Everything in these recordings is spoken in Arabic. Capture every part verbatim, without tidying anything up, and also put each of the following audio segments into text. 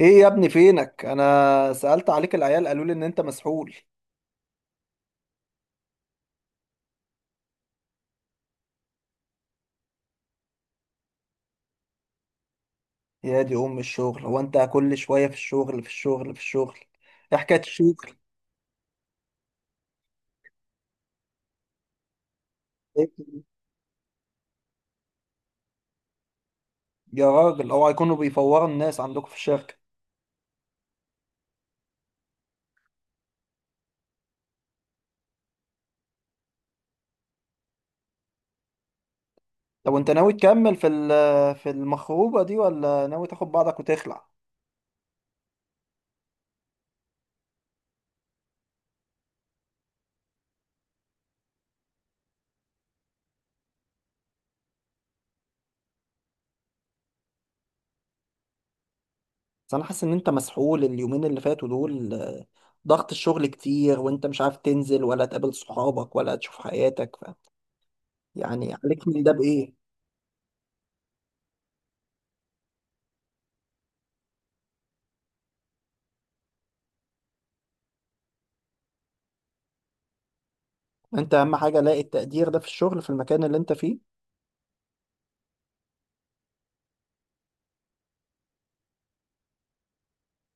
ايه يا ابني فينك، انا سألت عليك العيال قالوا لي ان انت مسحول. يا دي ام الشغل، هو انت كل شوية في الشغل في الشغل في الشغل؟ ايه حكاية الشغل؟ إيه؟ يا راجل اوعى يكونوا بيفوروا الناس عندكم في الشركة. طب وانت ناوي تكمل في ال- في المخروبة دي ولا ناوي تاخد بعضك وتخلع؟ بس انا حاسس ان انت مسحول اليومين اللي فاتوا دول، آه، ضغط الشغل كتير وانت مش عارف تنزل ولا تقابل صحابك ولا تشوف حياتك ف... يعني عليك من ده بايه؟ انت اهم حاجه لاقي التقدير ده في الشغل في المكان اللي انت فيه.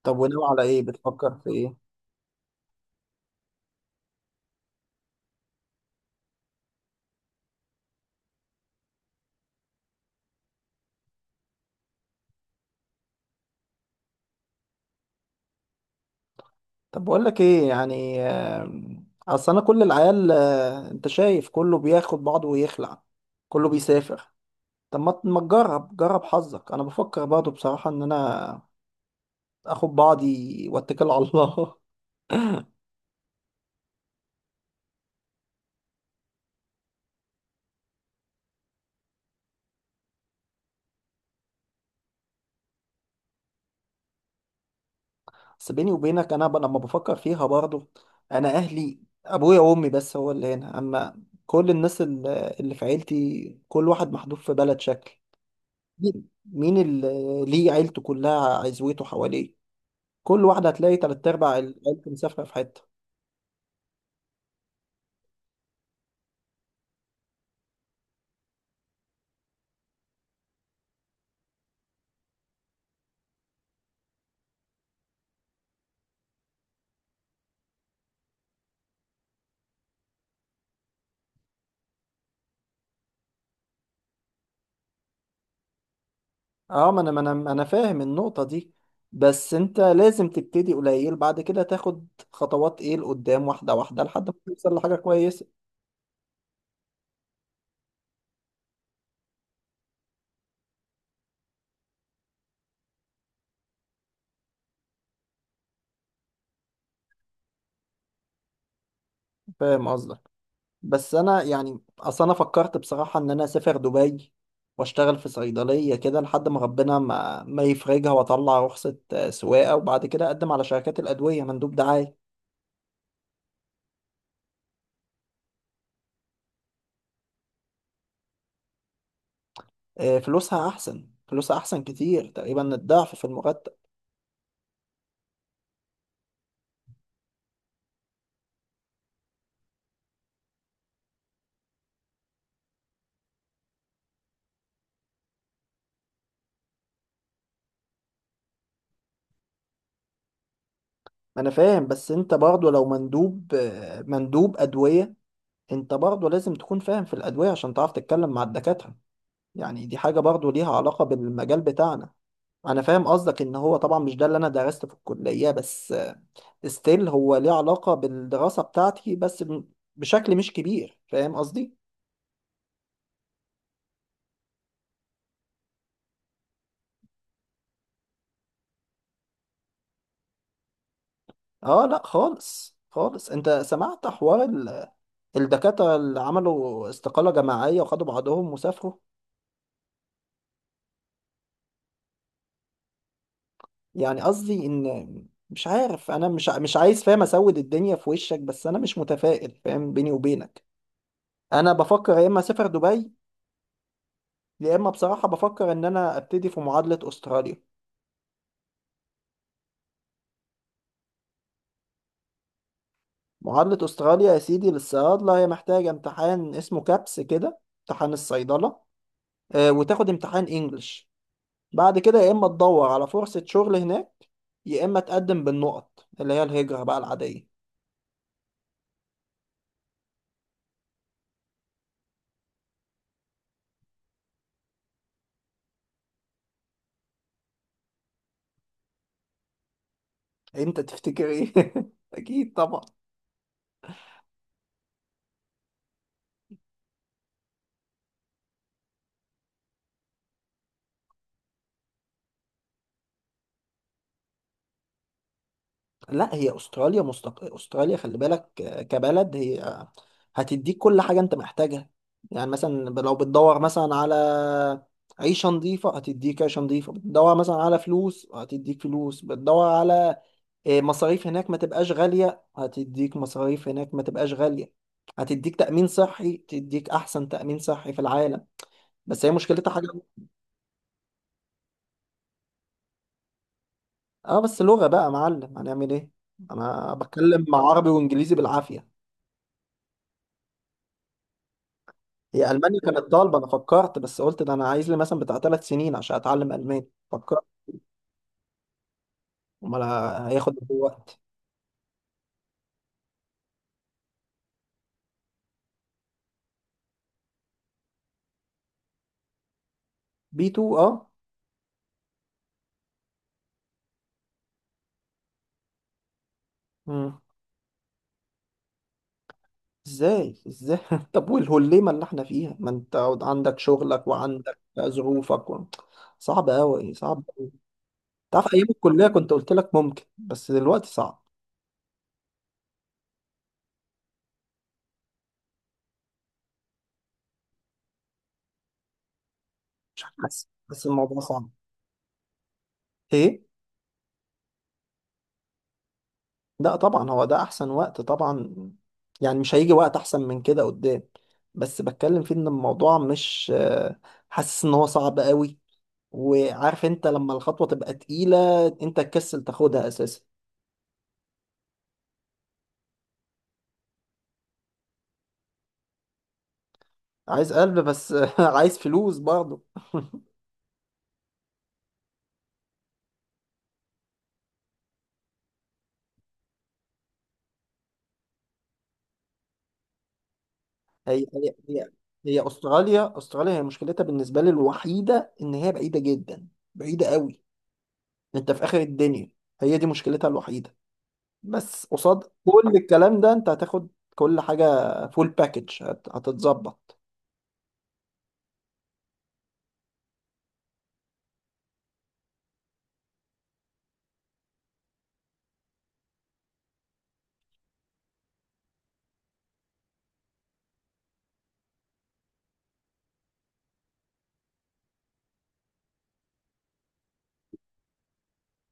طب وناوي على ايه، بتفكر في ايه؟ طب بقول لك ايه، يعني آم، اصل انا كل العيال، آه، انت شايف كله بياخد بعضه ويخلع، كله بيسافر. طب ما ما تجرب، جرب حظك، انا بفكر برضه بصراحه ان انا اخد بعضي واتكل على الله. بس بيني وبينك انا ب- لما بفكر فيها برضه، انا اهلي ابويا وامي بس هو اللي هنا، اما كل الناس اللي اللي في عيلتي كل واحد محدود في بلد شكل. مين مين اللي ليه عيلته كلها عزوته حواليه؟ كل واحدة هتلاقي تلات أرباع عيلته مسافرة في حتة. اه، ما انا ما انا ما أنا فاهم النقطة دي، بس انت لازم تبتدي قليل بعد كده تاخد خطوات ايه لقدام، واحدة واحدة، لحد ما توصل لحاجة كويسة. فاهم قصدك، بس انا يعني اصل انا فكرت بصراحة ان انا اسافر دبي واشتغل في صيدلية كده لحد ما ربنا ما ما يفرجها واطلع رخصة آه، سواقة، وبعد كده اقدم على شركات الأدوية مندوب دعاية. آه، فلوسها احسن، فلوسها احسن كتير، تقريبا الضعف في المرتب. انا فاهم، بس انت برضه لو مندوب، آه، مندوب ادوية، انت برضه لازم تكون فاهم في الادوية عشان تعرف تتكلم مع الدكاترة. يعني دي حاجة برضه ليها علاقة بالمجال بتاعنا. انا فاهم قصدك ان هو طبعا مش ده اللي انا درسته في الكلية، بس ستيل هو ليه علاقة بالدراسة بتاعتي، بس ب- بشكل مش كبير، فاهم قصدي. اه لا خالص خالص، انت سمعت حوار الدكاترة اللي عملوا استقالة جماعية وخدوا بعضهم وسافروا. يعني قصدي إن مش عارف، أنا مش ع- مش عايز فاهم أسود الدنيا في وشك، بس أنا مش متفائل، فاهم، بيني وبينك أنا بفكر يا إما أسافر دبي، يا إما بصراحة بفكر إن أنا أبتدي في معادلة أستراليا. معادلة أستراليا يا سيدي للصيادلة، هي محتاجة امتحان اسمه كابس كده، امتحان الصيدلة، آه، وتاخد امتحان إنجلش، بعد كده يا إما تدور على فرصة شغل هناك، يا إما تقدم بالنقط اللي هي الهجرة بقى العادية. انت تفتكر ايه؟ اكيد طبعا. لا، هي استراليا مستق... استراليا خلي بالك، آه، كبلد هي، آه، هتديك كل حاجه انت محتاجها. يعني مثلا ب- لو بتدور مثلا على عيشه نظيفه هتديك عيشه نظيفه، بتدور مثلا على فلوس هتديك فلوس، بتدور على، آه، مصاريف هناك ما تبقاش غاليه هتديك مصاريف هناك ما تبقاش غاليه، هتديك تأمين صحي، تديك أحسن تأمين صحي في العالم. بس هي مشكلتها حاجة. اه بس لغة بقى يا معلم، هنعمل ايه، انا بتكلم مع عربي وانجليزي بالعافية. هي المانيا كانت طالبة، انا فكرت بس قلت ده انا عايز لي مثلا بتاع ثلاث سنين عشان اتعلم الماني، فكرت. امال، هياخد قد إيه وقت؟ بي اتنين، اه. مم. ازاي ازاي؟ طب والهليمة اللي احنا فيها، ما انت عندك شغلك وعندك ظروفك و... صعب قوي، صعب أوي. تعرف ايام الكلية كنت قلت لك ممكن، بس دلوقتي صعب. مش حاسس حاسس الموضوع صعب. ايه؟ لا طبعا، هو ده احسن وقت طبعا، يعني مش هيجي وقت احسن من كده قدام، بس بتكلم فيه ان الموضوع مش، آه، حاسس ان هو صعب قوي، وعارف انت لما الخطوة تبقى تقيلة انت تكسل تاخدها اساسا. عايز قلب، بس عايز فلوس برضه. هي هي هي، هي استراليا، استراليا هي مشكلتها بالنسبة لي الوحيدة ان هي بعيدة جدا، بعيدة قوي، انت في اخر الدنيا، هي دي مشكلتها الوحيدة. بس قصاد كل الكلام ده انت هتاخد كل حاجة، فول باكج هتتظبط.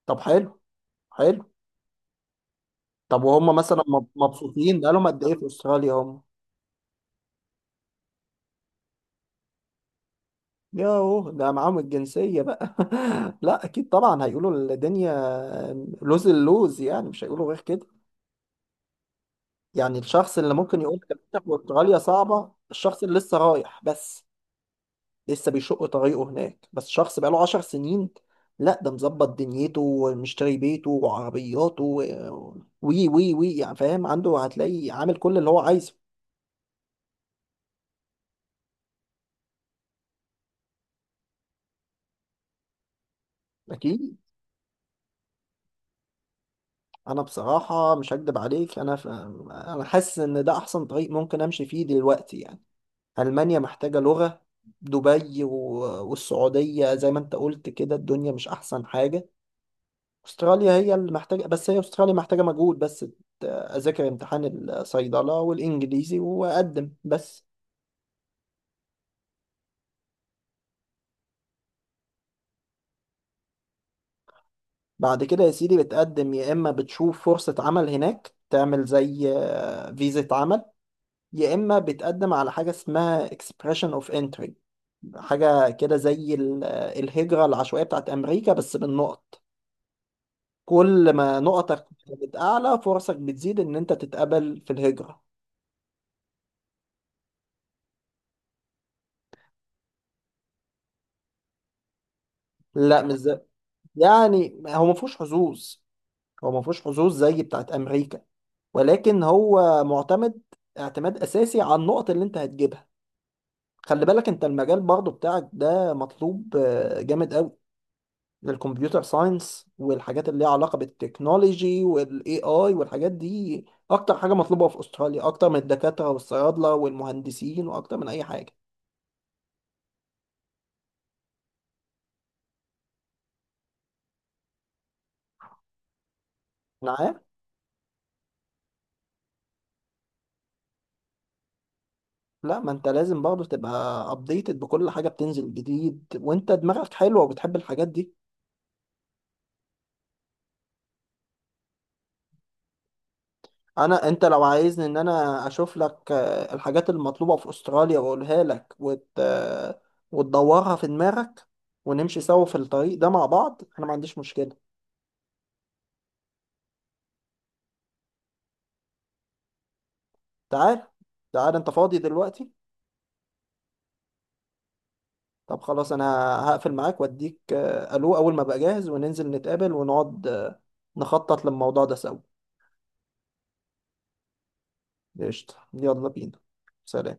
طب حلو، حلو. طب وهم مثلا مب- مبسوطين بقالهم قد ايه في استراليا هم؟ ياهو ده معاهم الجنسية بقى. لا اكيد طبعا هيقولوا الدنيا لوز اللوز، يعني مش هيقولوا غير كده. يعني الشخص اللي ممكن يقول لك إن أنت في استراليا صعبة، الشخص اللي لسه رايح بس، لسه بيشق طريقه هناك. بس شخص بقاله عشر سنين، لا ده مظبط دنيته ومشتري بيته وعربياته و- وي وي وي، يعني فاهم، عنده هتلاقي عامل كل اللي هو عايزه، اكيد. انا بصراحة مش هكدب عليك، انا ف... انا حاسس ان ده احسن طريق ممكن امشي فيه دلوقتي يعني. المانيا محتاجة لغة، دبي و... والسعودية زي ما انت قلت كده الدنيا مش احسن حاجة. استراليا هي اللي محتاجه، بس هي استراليا محتاجه مجهود بس، ت- اذاكر امتحان الصيدله والانجليزي واقدم بس. بعد كده يا سيدي بتقدم يا اما بتشوف فرصه عمل هناك تعمل زي، آه، فيزا عمل، يا اما بتقدم على حاجه اسمها expression of entry، حاجه كده زي ال- آه، الهجره العشوائيه بتاعت امريكا، بس بالنقط، كل ما نقطك كانت اعلى فرصك بتزيد ان انت تتقبل في الهجره. لا مش زي- يعني هو ما فيهوش حظوظ، هو ما فيهوش حظوظ زي بتاعت امريكا، ولكن هو معتمد اعتماد اساسي على النقط اللي انت هتجيبها. خلي بالك انت المجال برضو بتاعك ده مطلوب، آه، جامد قوي، للكمبيوتر ساينس والحاجات اللي ليها علاقة بالتكنولوجي والاي اي والحاجات دي، اكتر حاجة مطلوبة في استراليا، اكتر من الدكاترة والصيادلة والمهندسين واكتر من اي حاجة. معايا. لا ما انت لازم برضو تبقى ابديتد بكل حاجة بتنزل جديد، وانت دماغك حلوة وبتحب الحاجات دي. انا، انت لو عايزني ان انا اشوف لك، آه، الحاجات المطلوبة في استراليا واقولها لك وت... آه، وتدورها في دماغك ونمشي سوا في الطريق ده مع بعض، انا ما عنديش مشكلة. تعال، تعال انت فاضي دلوقتي؟ طب خلاص، انا هقفل معاك واديك، آه، الو اول ما ابقى جاهز، وننزل نتقابل ونقعد، آه، نخطط للموضوع ده سوا. قشطة، يلا بينا. سلام.